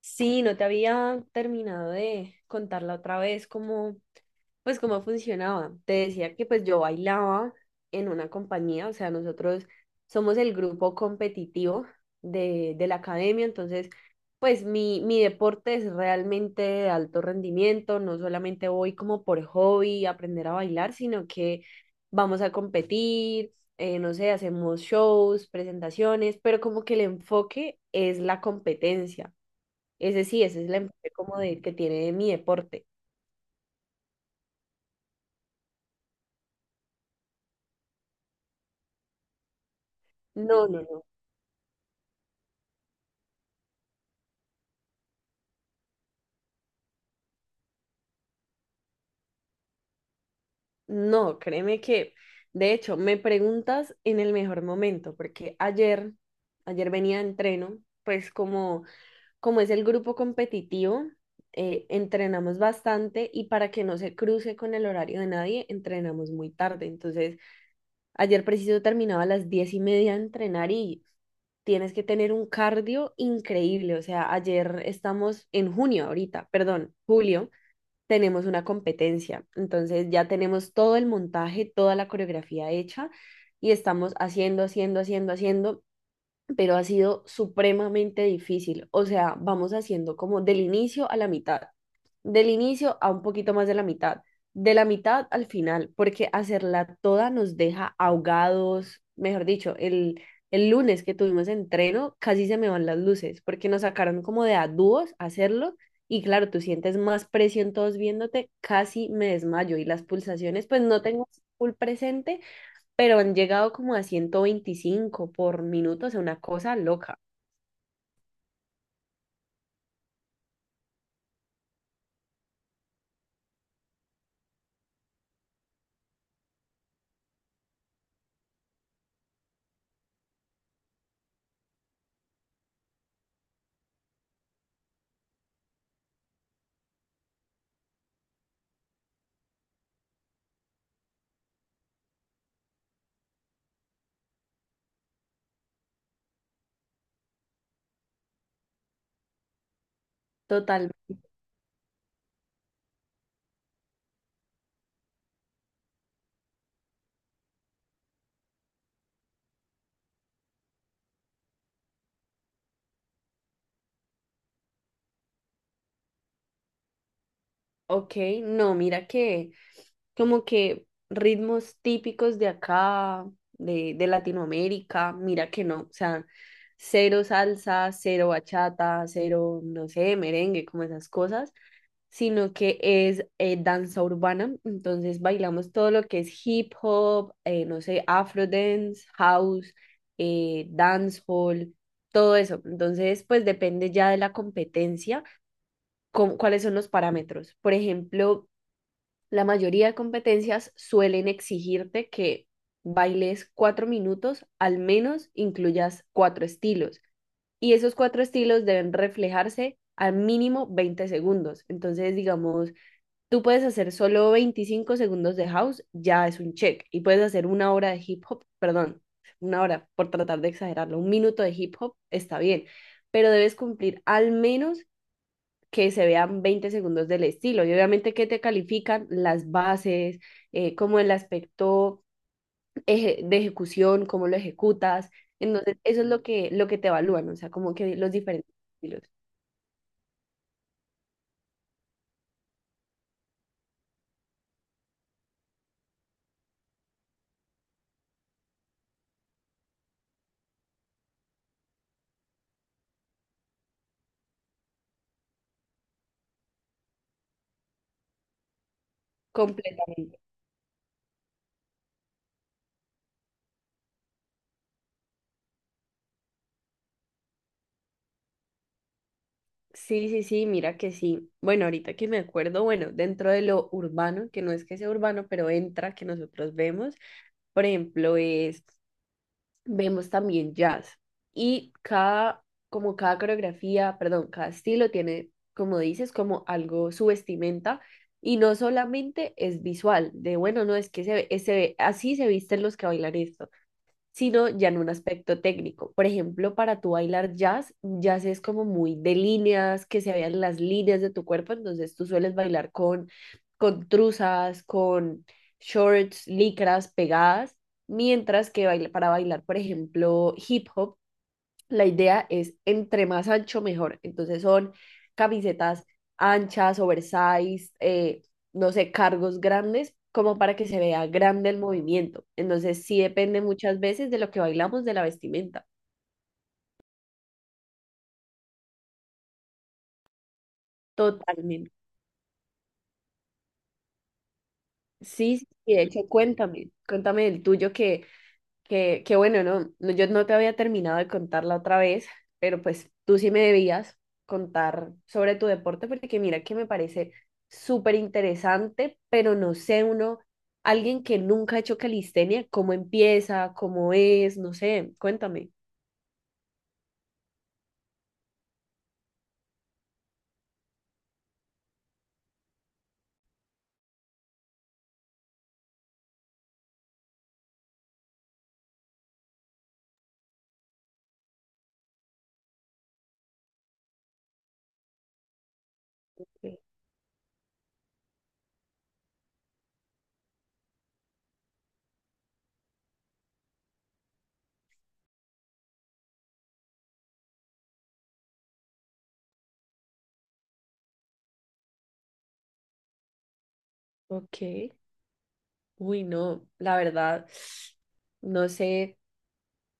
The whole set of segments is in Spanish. Sí, no te había terminado de contarla otra vez pues cómo funcionaba. Te decía que pues yo bailaba en una compañía, o sea, nosotros somos el grupo competitivo de la academia, entonces pues mi deporte es realmente de alto rendimiento, no solamente voy como por hobby a aprender a bailar, sino que vamos a competir, no sé, hacemos shows, presentaciones, pero como que el enfoque es la competencia. Ese sí, ese es el empuje como que tiene de mi deporte. No, no, no. No, créeme que, de hecho, me preguntas en el mejor momento, porque ayer venía de entreno, pues como es el grupo competitivo, entrenamos bastante y para que no se cruce con el horario de nadie, entrenamos muy tarde. Entonces, ayer preciso terminaba a las diez y media de entrenar y tienes que tener un cardio increíble. O sea, ayer estamos en junio ahorita, perdón, julio, tenemos una competencia. Entonces ya tenemos todo el montaje, toda la coreografía hecha y estamos haciendo, haciendo, haciendo, haciendo, pero ha sido supremamente difícil. O sea, vamos haciendo como del inicio a la mitad, del inicio a un poquito más de la mitad al final, porque hacerla toda nos deja ahogados. Mejor dicho, el lunes que tuvimos entreno, casi se me van las luces, porque nos sacaron como de a dúos a hacerlo. Y claro, tú sientes más presión todos viéndote, casi me desmayo y las pulsaciones, pues no tengo full presente, pero han llegado como a 125 por minuto, o sea, una cosa loca. Total, ok, no, mira que como que ritmos típicos de acá, de Latinoamérica, mira que no, o sea, cero salsa, cero bachata, cero, no sé, merengue, como esas cosas, sino que es danza urbana. Entonces bailamos todo lo que es hip hop, no sé, afro dance, house, dancehall, todo eso. Entonces, pues depende ya de la competencia, cuáles son los parámetros. Por ejemplo, la mayoría de competencias suelen exigirte que bailes 4 minutos, al menos incluyas cuatro estilos. Y esos cuatro estilos deben reflejarse al mínimo 20 segundos. Entonces, digamos, tú puedes hacer solo 25 segundos de house, ya es un check. Y puedes hacer una hora de hip hop, perdón, una hora, por tratar de exagerarlo, un minuto de hip hop está bien, pero debes cumplir al menos que se vean 20 segundos del estilo. Y obviamente que te califican las bases, cómo el aspecto de ejecución, cómo lo ejecutas. Entonces, eso es lo que, te evalúan, o sea, como que los diferentes estilos. Completamente. Sí, sí, sí, mira que sí. Bueno, ahorita que me acuerdo, bueno, dentro de lo urbano, que no es que sea urbano, pero entra, que nosotros vemos, por ejemplo, vemos también jazz. Y como cada coreografía, perdón, cada estilo tiene, como dices, como algo, su vestimenta. Y no solamente es visual, de bueno, no es que así se visten los que bailan esto, sino ya en un aspecto técnico. Por ejemplo, para tú bailar jazz, jazz es como muy de líneas, que se vean las líneas de tu cuerpo, entonces tú sueles bailar con, truzas, con shorts, licras pegadas, mientras que para bailar, por ejemplo, hip hop, la idea es entre más ancho, mejor. Entonces son camisetas anchas, oversize, no sé, cargos grandes, como para que se vea grande el movimiento. Entonces sí depende muchas veces de lo que bailamos, de la vestimenta. Totalmente. Sí, sí, sí, de hecho, cuéntame el tuyo que... Que bueno, no, no, yo no te había terminado de contar la otra vez, pero pues tú sí me debías contar sobre tu deporte, porque mira que me parece súper interesante, pero no sé, uno, alguien que nunca ha hecho calistenia, cómo empieza, cómo es, no sé, cuéntame. Eh, Ok, uy, no, la verdad, no sé.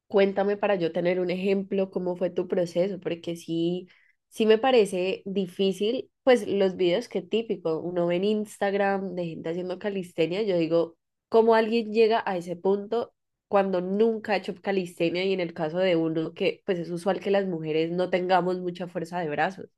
Cuéntame para yo tener un ejemplo, cómo fue tu proceso, porque sí, sí me parece difícil, pues los videos que típico, uno ve en Instagram de gente haciendo calistenia, yo digo, ¿cómo alguien llega a ese punto cuando nunca ha hecho calistenia y en el caso de uno que pues es usual que las mujeres no tengamos mucha fuerza de brazos?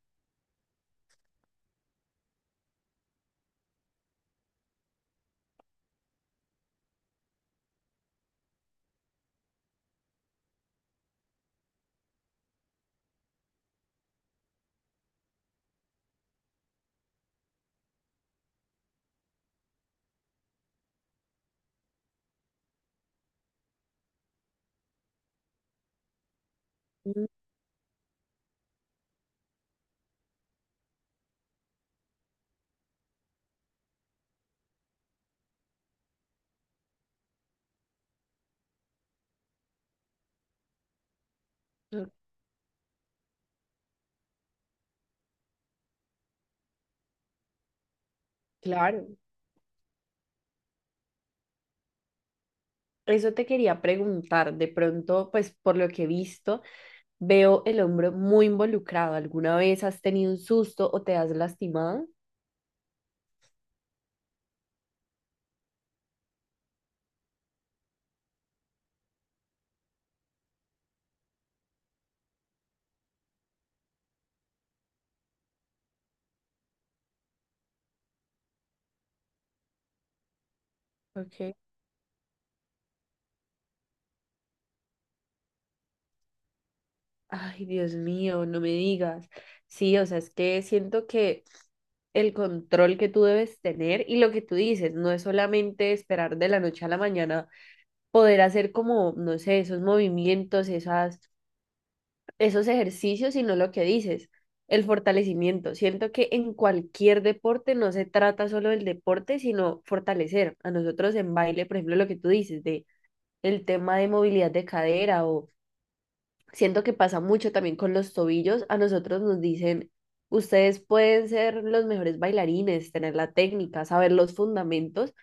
Mm, Claro, eso te quería preguntar, de pronto, pues por lo que he visto. Veo el hombro muy involucrado. ¿Alguna vez has tenido un susto o te has lastimado? Ok. Ay, Dios mío, no me digas. Sí, o sea, es que siento que el control que tú debes tener y lo que tú dices, no es solamente esperar de la noche a la mañana poder hacer como, no sé, esos movimientos, esas, esos ejercicios, sino lo que dices, el fortalecimiento. Siento que en cualquier deporte no se trata solo del deporte, sino fortalecer. A nosotros en baile, por ejemplo, lo que tú dices, de el tema de movilidad de cadera o siento que pasa mucho también con los tobillos. A nosotros nos dicen, ustedes pueden ser los mejores bailarines, tener la técnica, saber los fundamentos,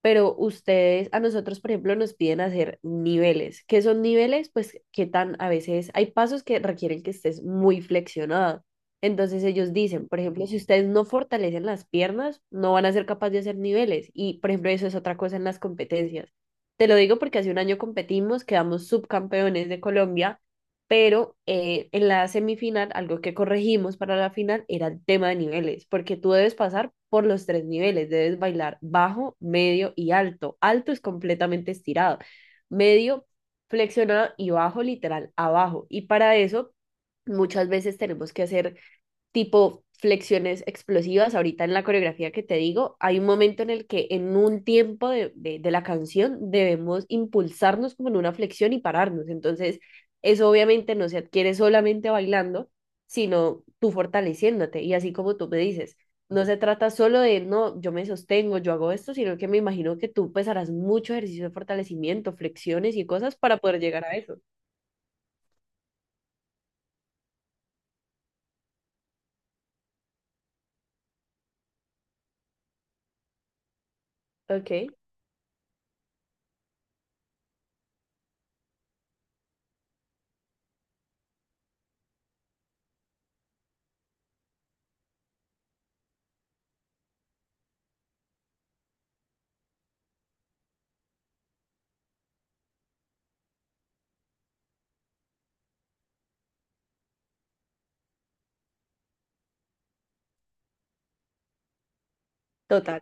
pero ustedes, a nosotros, por ejemplo, nos piden hacer niveles. ¿Qué son niveles? Pues qué tan, a veces hay pasos que requieren que estés muy flexionada. Entonces ellos dicen, por ejemplo, si ustedes no fortalecen las piernas, no van a ser capaces de hacer niveles. Y, por ejemplo, eso es otra cosa en las competencias. Te lo digo porque hace un año competimos, quedamos subcampeones de Colombia, pero en la semifinal, algo que corregimos para la final era el tema de niveles, porque tú debes pasar por los tres niveles, debes bailar bajo, medio y alto. Alto es completamente estirado, medio flexionado y bajo literal abajo. Y para eso muchas veces tenemos que hacer tipo flexiones explosivas. Ahorita en la coreografía que te digo, hay un momento en el que en un tiempo de la canción debemos impulsarnos como en una flexión y pararnos. Entonces, eso obviamente no se adquiere solamente bailando, sino tú fortaleciéndote. Y así como tú me dices, no se trata solo de, no, yo me sostengo, yo hago esto, sino que me imagino que tú pues harás mucho ejercicio de fortalecimiento, flexiones y cosas para poder llegar a eso. Ok, total.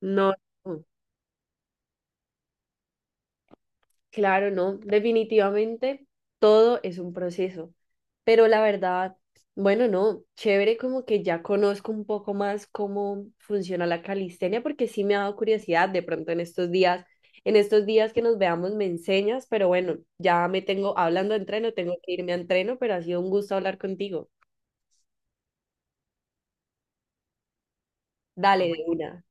No, no. Claro, no, definitivamente todo es un proceso, pero la verdad, bueno, no, chévere como que ya conozco un poco más cómo funciona la calistenia porque sí me ha dado curiosidad de pronto en estos días, que nos veamos me enseñas, pero bueno, ya me tengo hablando de entreno, tengo que irme a entreno, pero ha sido un gusto hablar contigo. Dale de una.